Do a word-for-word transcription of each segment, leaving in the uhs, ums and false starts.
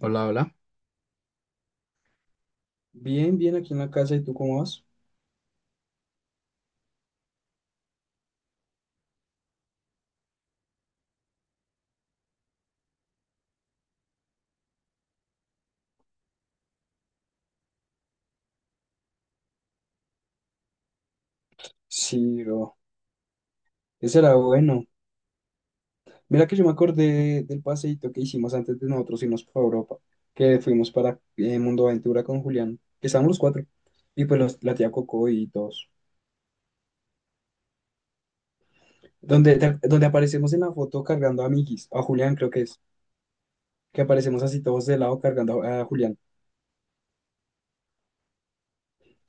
Hola, hola. Bien, bien aquí en la casa, ¿y tú cómo vas? Sí, bro, ese era bueno. Mira que yo me acordé del paseíto que hicimos antes de nosotros irnos para Europa, que fuimos para eh, Mundo Aventura con Julián, que estábamos los cuatro, y pues los- la tía Coco y todos. Donde, te- donde aparecemos en la foto cargando a Migis, a Julián creo que es, que aparecemos así todos de lado cargando a, a Julián.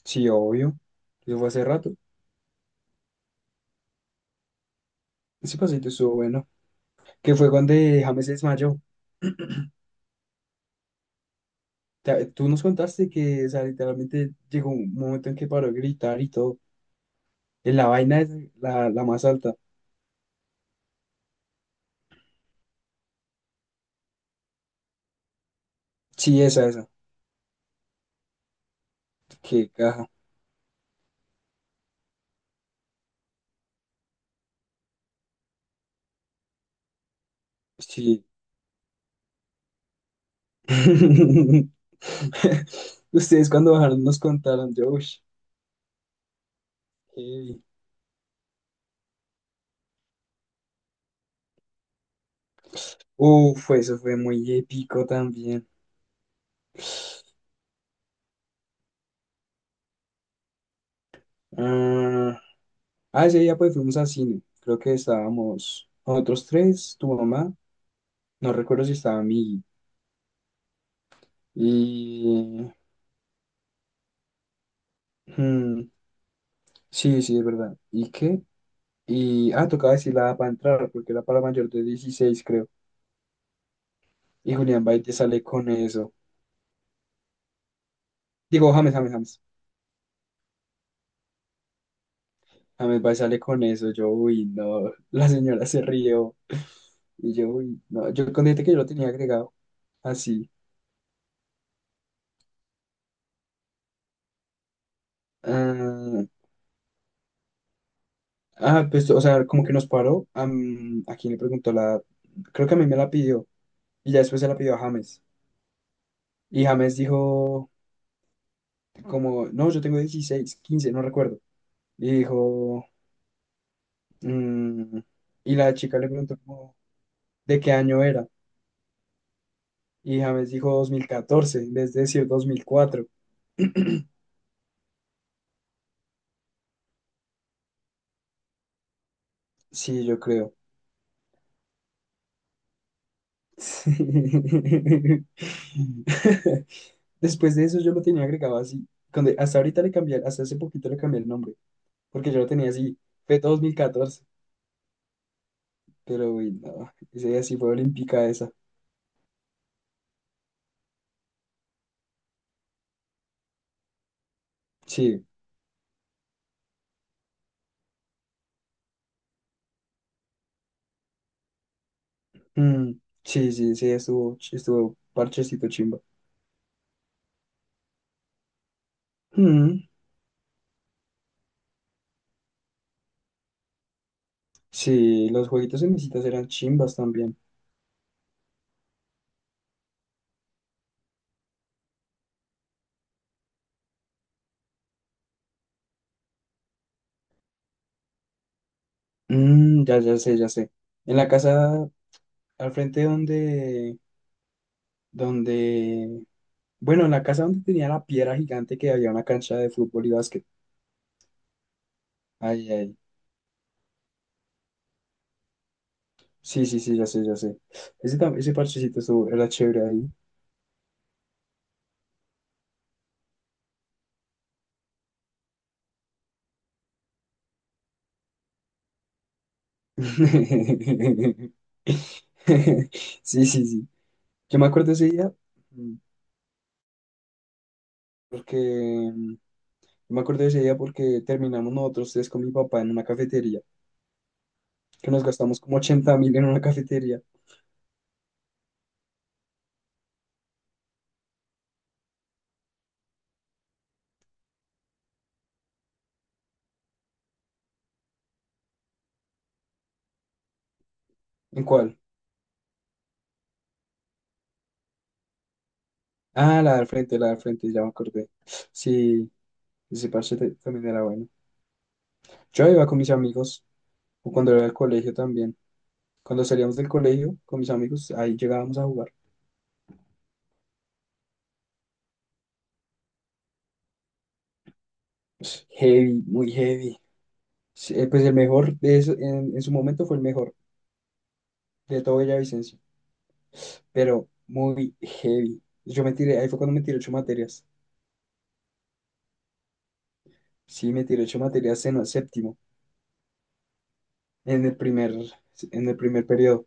Sí, obvio, eso fue hace rato. Ese paseíto estuvo bueno, que fue cuando James se desmayó. Te- tú nos contaste que, o sea, literalmente llegó un momento en que paró de gritar y todo. En la vaina es la, la más alta. Sí, esa, esa. Qué caja. Sí. Ustedes cuando bajaron nos contaron, yo, uy, heavy. Uf, eso fue muy épico también. Ah, ah, ese día pues fuimos al cine. Creo que estábamos nosotros tres, tu mamá, no recuerdo si estaba mi... Y... hmm, sí, sí, es verdad. ¿Y qué? Y, ah, tocaba decir la edad para entrar, porque era para mayor de dieciséis creo. Y Julián Baite sale con eso. Digo, James, James, James. James Baite sale con eso. Yo, uy, no. La señora se rió. Y yo, uy, no. Yo contesté que yo lo tenía agregado. Así. Ah, ah, pues, o sea, como que nos paró. Am, ¿a quién le preguntó la edad? Creo que a mí me la pidió. Y ya después se la pidió a James. Y James dijo, como, no, yo tengo dieciséis quince no recuerdo. Y dijo, mm, y la chica le preguntó, como, de qué año era. Y James dijo dos mil catorce en vez de decir dos mil cuatro. Sí, yo creo. Sí. Después de eso yo lo tenía agregado así. Cuando- hasta ahorita le cambié, hasta hace poquito le cambié el nombre, porque yo lo tenía así, fue dos mil catorce, pero uy, no, ese día sí fue olímpica esa. Sí, mm, sí, sí, sí, estuvo, estuvo parchecito chimba. Mm, sí, los jueguitos en misitas eran chimbas también. Mm, ya, ya sé, ya sé. En la casa, al frente donde, donde, bueno, en la casa donde tenía la piedra gigante que había una cancha de fútbol y básquet. Ay, ay. Sí, sí, sí, ya sé, ya sé. Ese, tam- ese parchecito estuvo- era chévere ahí. Sí, sí, sí. Yo me acuerdo ese día, mm, porque, mm, yo me acuerdo de ese día porque terminamos nosotros tres con mi papá en una cafetería, que nos gastamos como ochenta mil en una cafetería. ¿En cuál? Ah, la del frente, la del frente, ya me acordé. Sí, ese parche te- también era bueno. Yo iba con mis amigos, o cuando era del colegio también. Cuando salíamos del colegio con mis amigos, ahí llegábamos a jugar. Pues, heavy, muy heavy. Sí, eh, pues el mejor de eso, en, en su momento fue el mejor de todo Villavicencio, pero muy heavy. Yo me tiré, ahí fue cuando me tiré ocho materias. Sí, me tiré ocho materias en el séptimo, en el primer, en el primer periodo.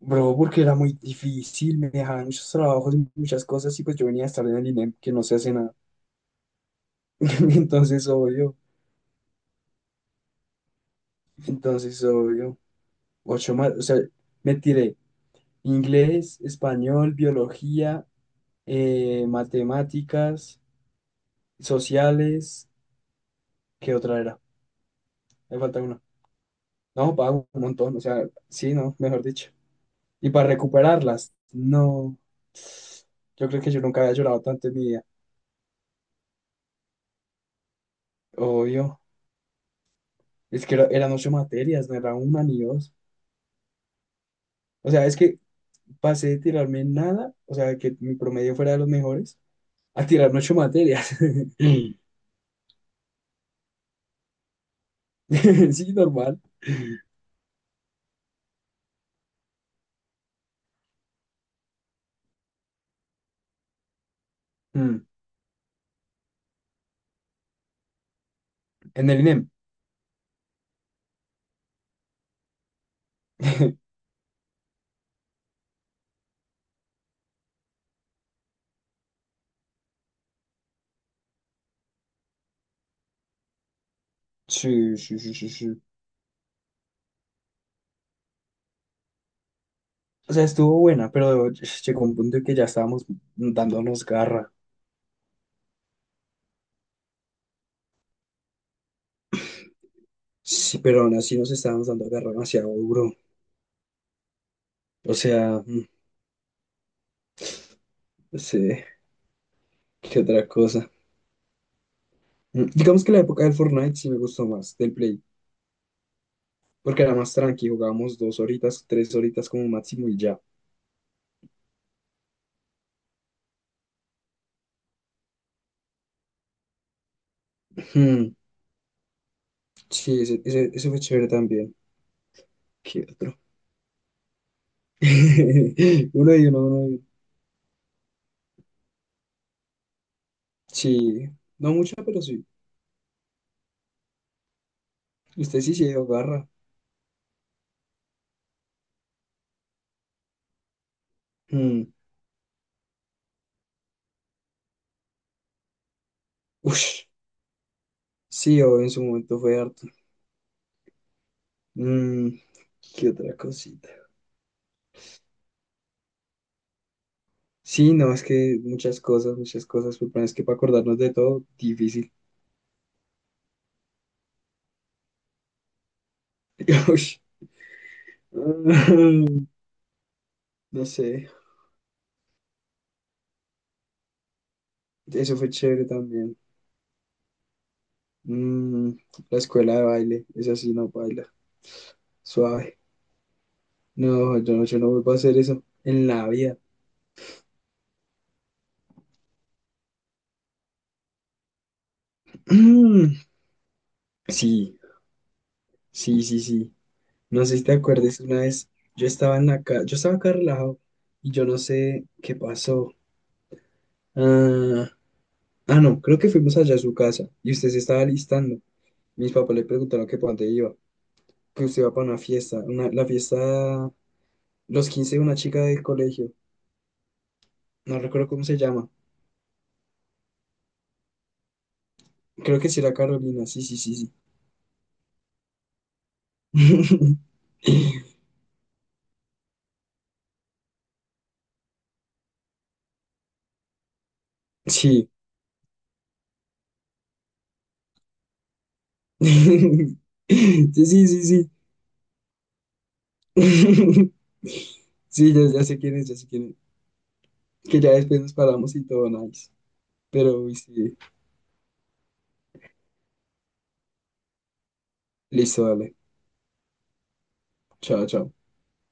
Bro, porque era muy difícil, me dejaban muchos trabajos y muchas cosas y pues yo venía a estar en el INEM que no se hace nada. Entonces, obvio, entonces, obvio, ocho más, o sea, me tiré inglés, español, biología, eh, matemáticas, sociales, ¿qué otra era? Me falta una. No, pago un montón, o sea, sí, no, mejor dicho. Y para recuperarlas, no, yo creo que yo nunca había llorado tanto en mi vida, obvio. Es que era- eran ocho materias, no era una ni dos. O sea, es que pasé de tirarme nada, o sea, que mi promedio fuera de los mejores, a tirarme ocho materias. Sí, normal. Mm, En el INEM. Sí, sí, sí, sí, sí. O sea, estuvo buena, pero llegó un punto en que ya estábamos dándonos garra. Sí, pero aún así nos estábamos dando garra demasiado duro. O sea, mm, no sé, qué otra cosa. Mm, Digamos que la época del Fortnite sí me gustó más, del Play. Porque era más tranqui, jugábamos dos horitas, tres horitas como máximo y ya. Ujú. Sí, ese, ese- ese fue chévere también. ¿Qué otro? Uno y uno, uno y uno. Sí, no mucho, pero sí. Usted sí se dio garra. Mm. Ush. Sí, o en su momento fue harto. Mm, ¿Qué otra cosita? Sí, no, es que muchas cosas, muchas cosas, pero bueno, es que para acordarnos de todo, difícil. Ush. No sé, eso fue chévere también. Mm, la escuela de baile, esa sí no baila, suave. No, yo, no- yo no vuelvo a hacer eso en la vida. Sí, sí, sí, sí. No sé si te acuerdas una vez, yo estaba en la ca- yo estaba acá relajado y yo no sé qué pasó. Ah, ah, no, creo que fuimos allá a su casa y usted se estaba alistando. Mis papás le preguntaron que para dónde iba, que usted iba para una fiesta, una, la fiesta, los quince de una chica del colegio, no recuerdo cómo se llama. Creo que sí era Carolina, sí, sí, sí, sí. Sí. Sí, sí, sí, sí. Sí, ya, ya sé quién es, ya sé quién es. Que ya después nos paramos y todo, nice. Pero, uy, sí. Listo, dale. Chao, chao.